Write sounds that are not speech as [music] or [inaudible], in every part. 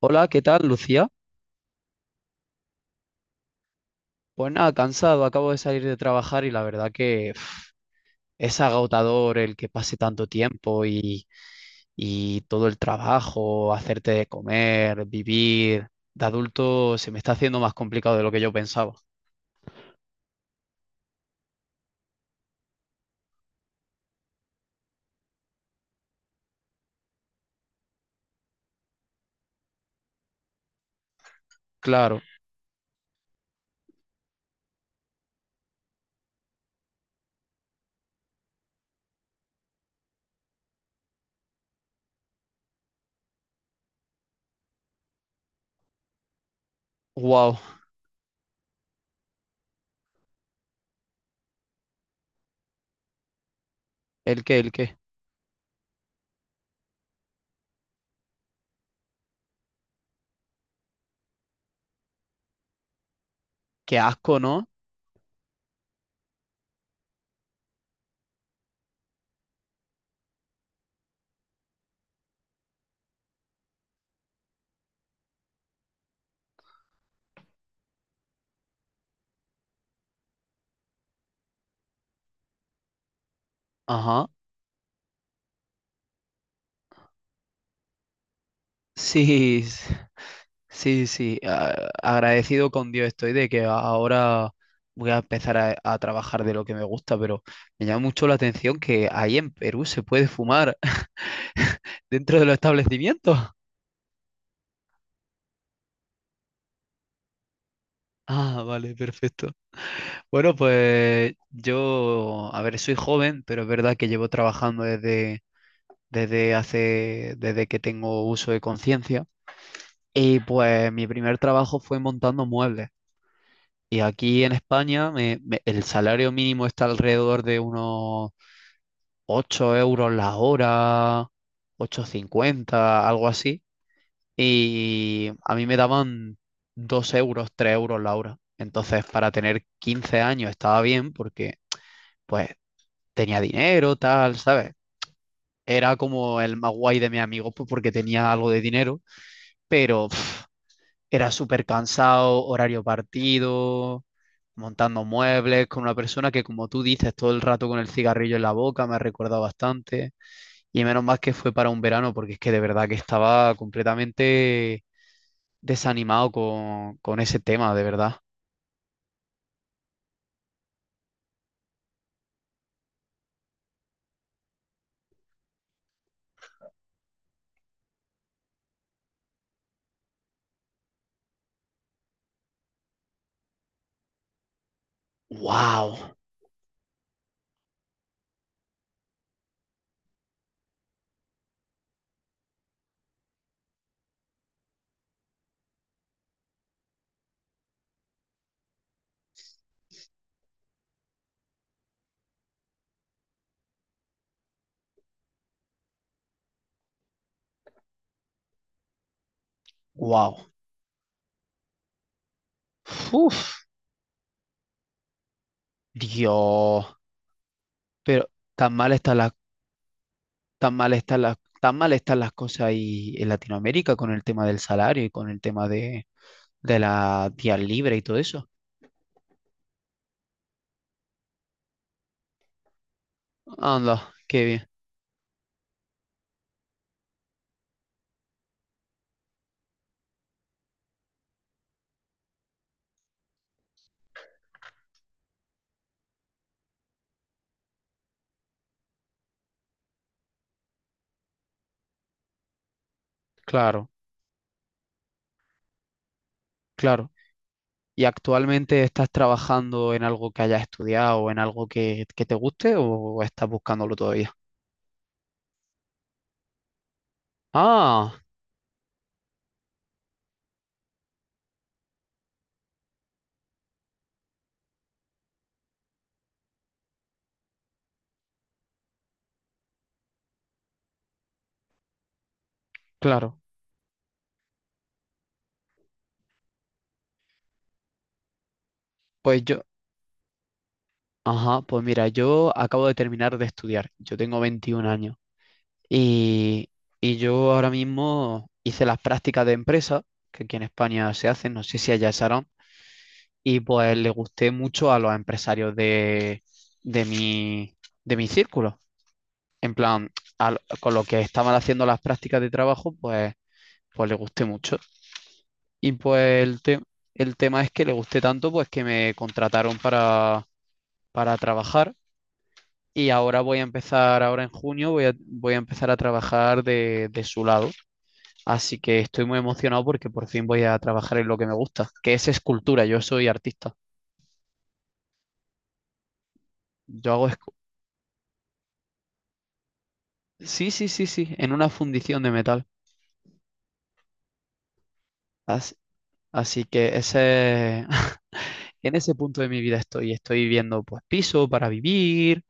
Hola, ¿qué tal, Lucía? Pues nada, cansado, acabo de salir de trabajar y la verdad que uf, es agotador el que pase tanto tiempo y todo el trabajo, hacerte de comer, vivir. De adulto se me está haciendo más complicado de lo que yo pensaba. Claro, wow, ¿el qué, el qué? Qué asco, ¿no? Ajá, sí, [laughs] Sí, sí, agradecido con Dios estoy de que ahora voy a empezar a trabajar de lo que me gusta, pero me llama mucho la atención que ahí en Perú se puede fumar [laughs] dentro de los establecimientos. [laughs] Ah, vale, perfecto. Bueno, pues yo, a ver, soy joven, pero es verdad que llevo trabajando desde que tengo uso de conciencia. Y pues mi primer trabajo fue montando muebles. Y aquí en España el salario mínimo está alrededor de unos 8 euros la hora, 8,50 algo así. Y a mí me daban 2 euros, 3 euros la hora. Entonces, para tener 15 años estaba bien porque, pues, tenía dinero, tal, ¿sabes? Era como el más guay de mis amigos, pues, porque tenía algo de dinero, pero pf, era súper cansado, horario partido, montando muebles con una persona que, como tú dices, todo el rato con el cigarrillo en la boca, me ha recordado bastante. Y menos mal que fue para un verano, porque es que de verdad que estaba completamente desanimado con ese tema, de verdad. ¡Wow! ¡Wow! ¡Uf! Dios. Pero tan mal están las, tan mal están las cosas ahí en Latinoamérica con el tema del salario y con el tema de la días libres y todo eso. Anda, qué bien. Claro, claro. ¿Y actualmente estás trabajando en algo que hayas estudiado o en algo que te guste o estás buscándolo todavía? Ah, claro. Pues yo, ajá, pues mira, yo acabo de terminar de estudiar. Yo tengo 21 años y, y yo ahora mismo hice las prácticas de empresa, que aquí en España se hacen, no sé si allá se harán, y pues le gusté mucho a los empresarios de mi, de mi círculo. En plan, con lo que estaban haciendo las prácticas de trabajo, pues le gusté mucho. Y pues el tema es que le gusté tanto, pues que me contrataron para trabajar y ahora voy a empezar, ahora en junio voy a empezar a trabajar de su lado. Así que estoy muy emocionado porque por fin voy a trabajar en lo que me gusta, que es escultura. Yo soy artista. Yo hago... Sí, sí, sí, sí, en una fundición de metal. Así, así que ese... [laughs] en ese punto de mi vida estoy. Estoy viendo pues piso para vivir.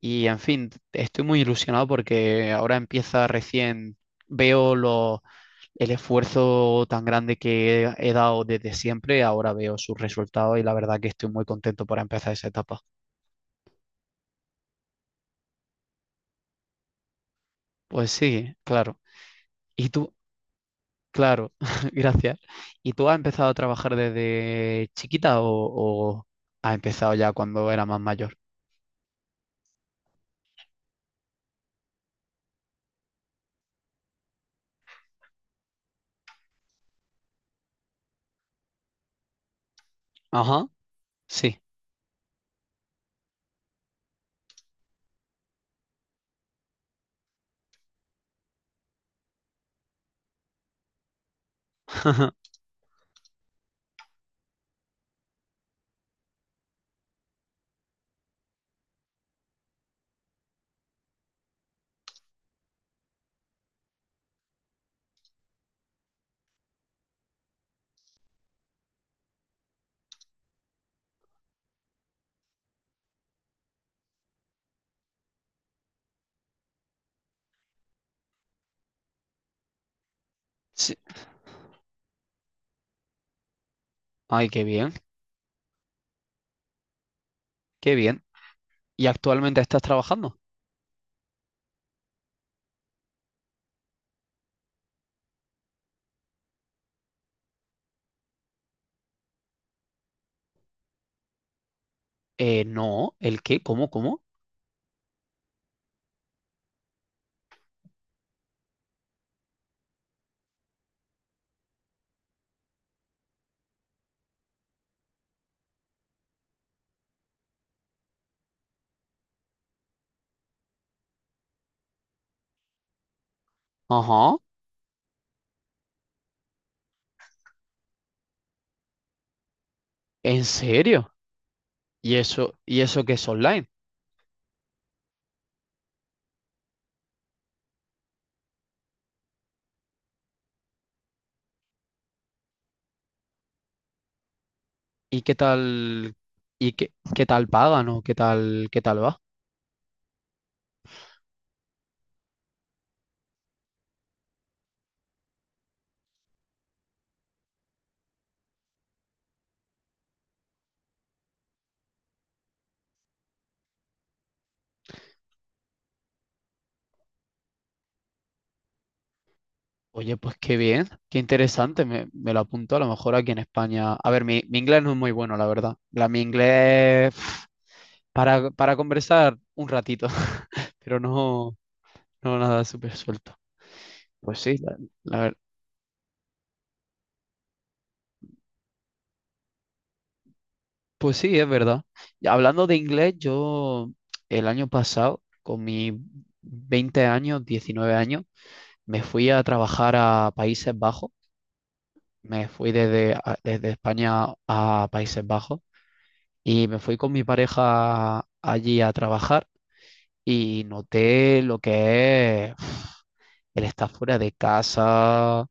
Y en fin, estoy muy ilusionado porque ahora empieza recién, veo lo- el esfuerzo tan grande que he dado desde siempre, ahora veo sus resultados y la verdad que estoy muy contento para empezar esa etapa. Pues sí, claro. ¿Y tú? Claro, [laughs] gracias. ¿Y tú has empezado a trabajar desde chiquita o has empezado ya cuando era más mayor? Ajá, sí. [laughs] Sí. Ay, qué bien, qué bien. ¿Y actualmente estás trabajando? No, ¿el qué? ¿Cómo, cómo? Ajá, ¿en serio? Y eso que es online? ¿Y qué tal, y qué, qué tal pagan o qué tal va? Oye, pues qué bien, qué interesante, me lo apunto a lo mejor aquí en España. A ver, mi inglés no es muy bueno, la verdad. Mi inglés pf, para conversar un ratito, [laughs] pero no, no nada súper suelto. Pues sí, la ver- pues sí, es verdad. Y hablando de inglés, yo el año pasado, con mis 20 años, 19 años, me fui a trabajar a Países Bajos, me fui desde, a- desde España a Países Bajos y me fui con mi pareja allí a trabajar y noté lo que es [sniffs] el estar fuera de casa,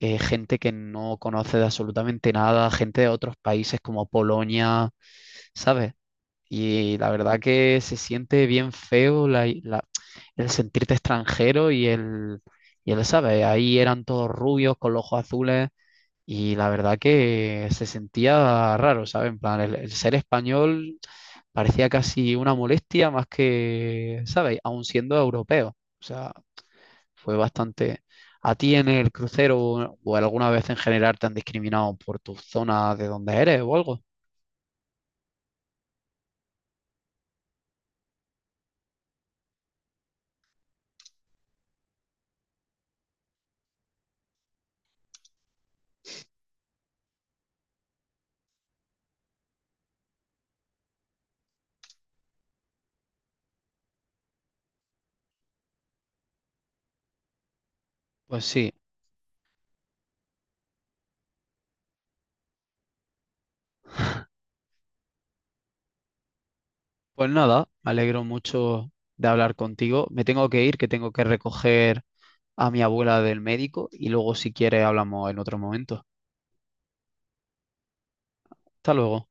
gente que no conoce de absolutamente nada, gente de otros países como Polonia, ¿sabes? Y la verdad que se siente bien feo el sentirte extranjero y ¿sabes? Ahí eran todos rubios con los ojos azules. Y la verdad que se sentía raro, ¿sabes? En plan, el ser español parecía casi una molestia más que, ¿sabes? Aún siendo europeo. O sea, fue bastante... ¿A ti en el crucero o alguna vez en general te han discriminado por tu zona de donde eres o algo? Pues sí, pues nada, me alegro mucho de hablar contigo. Me tengo que ir, que tengo que recoger a mi abuela del médico y luego si quieres hablamos en otro momento. Hasta luego.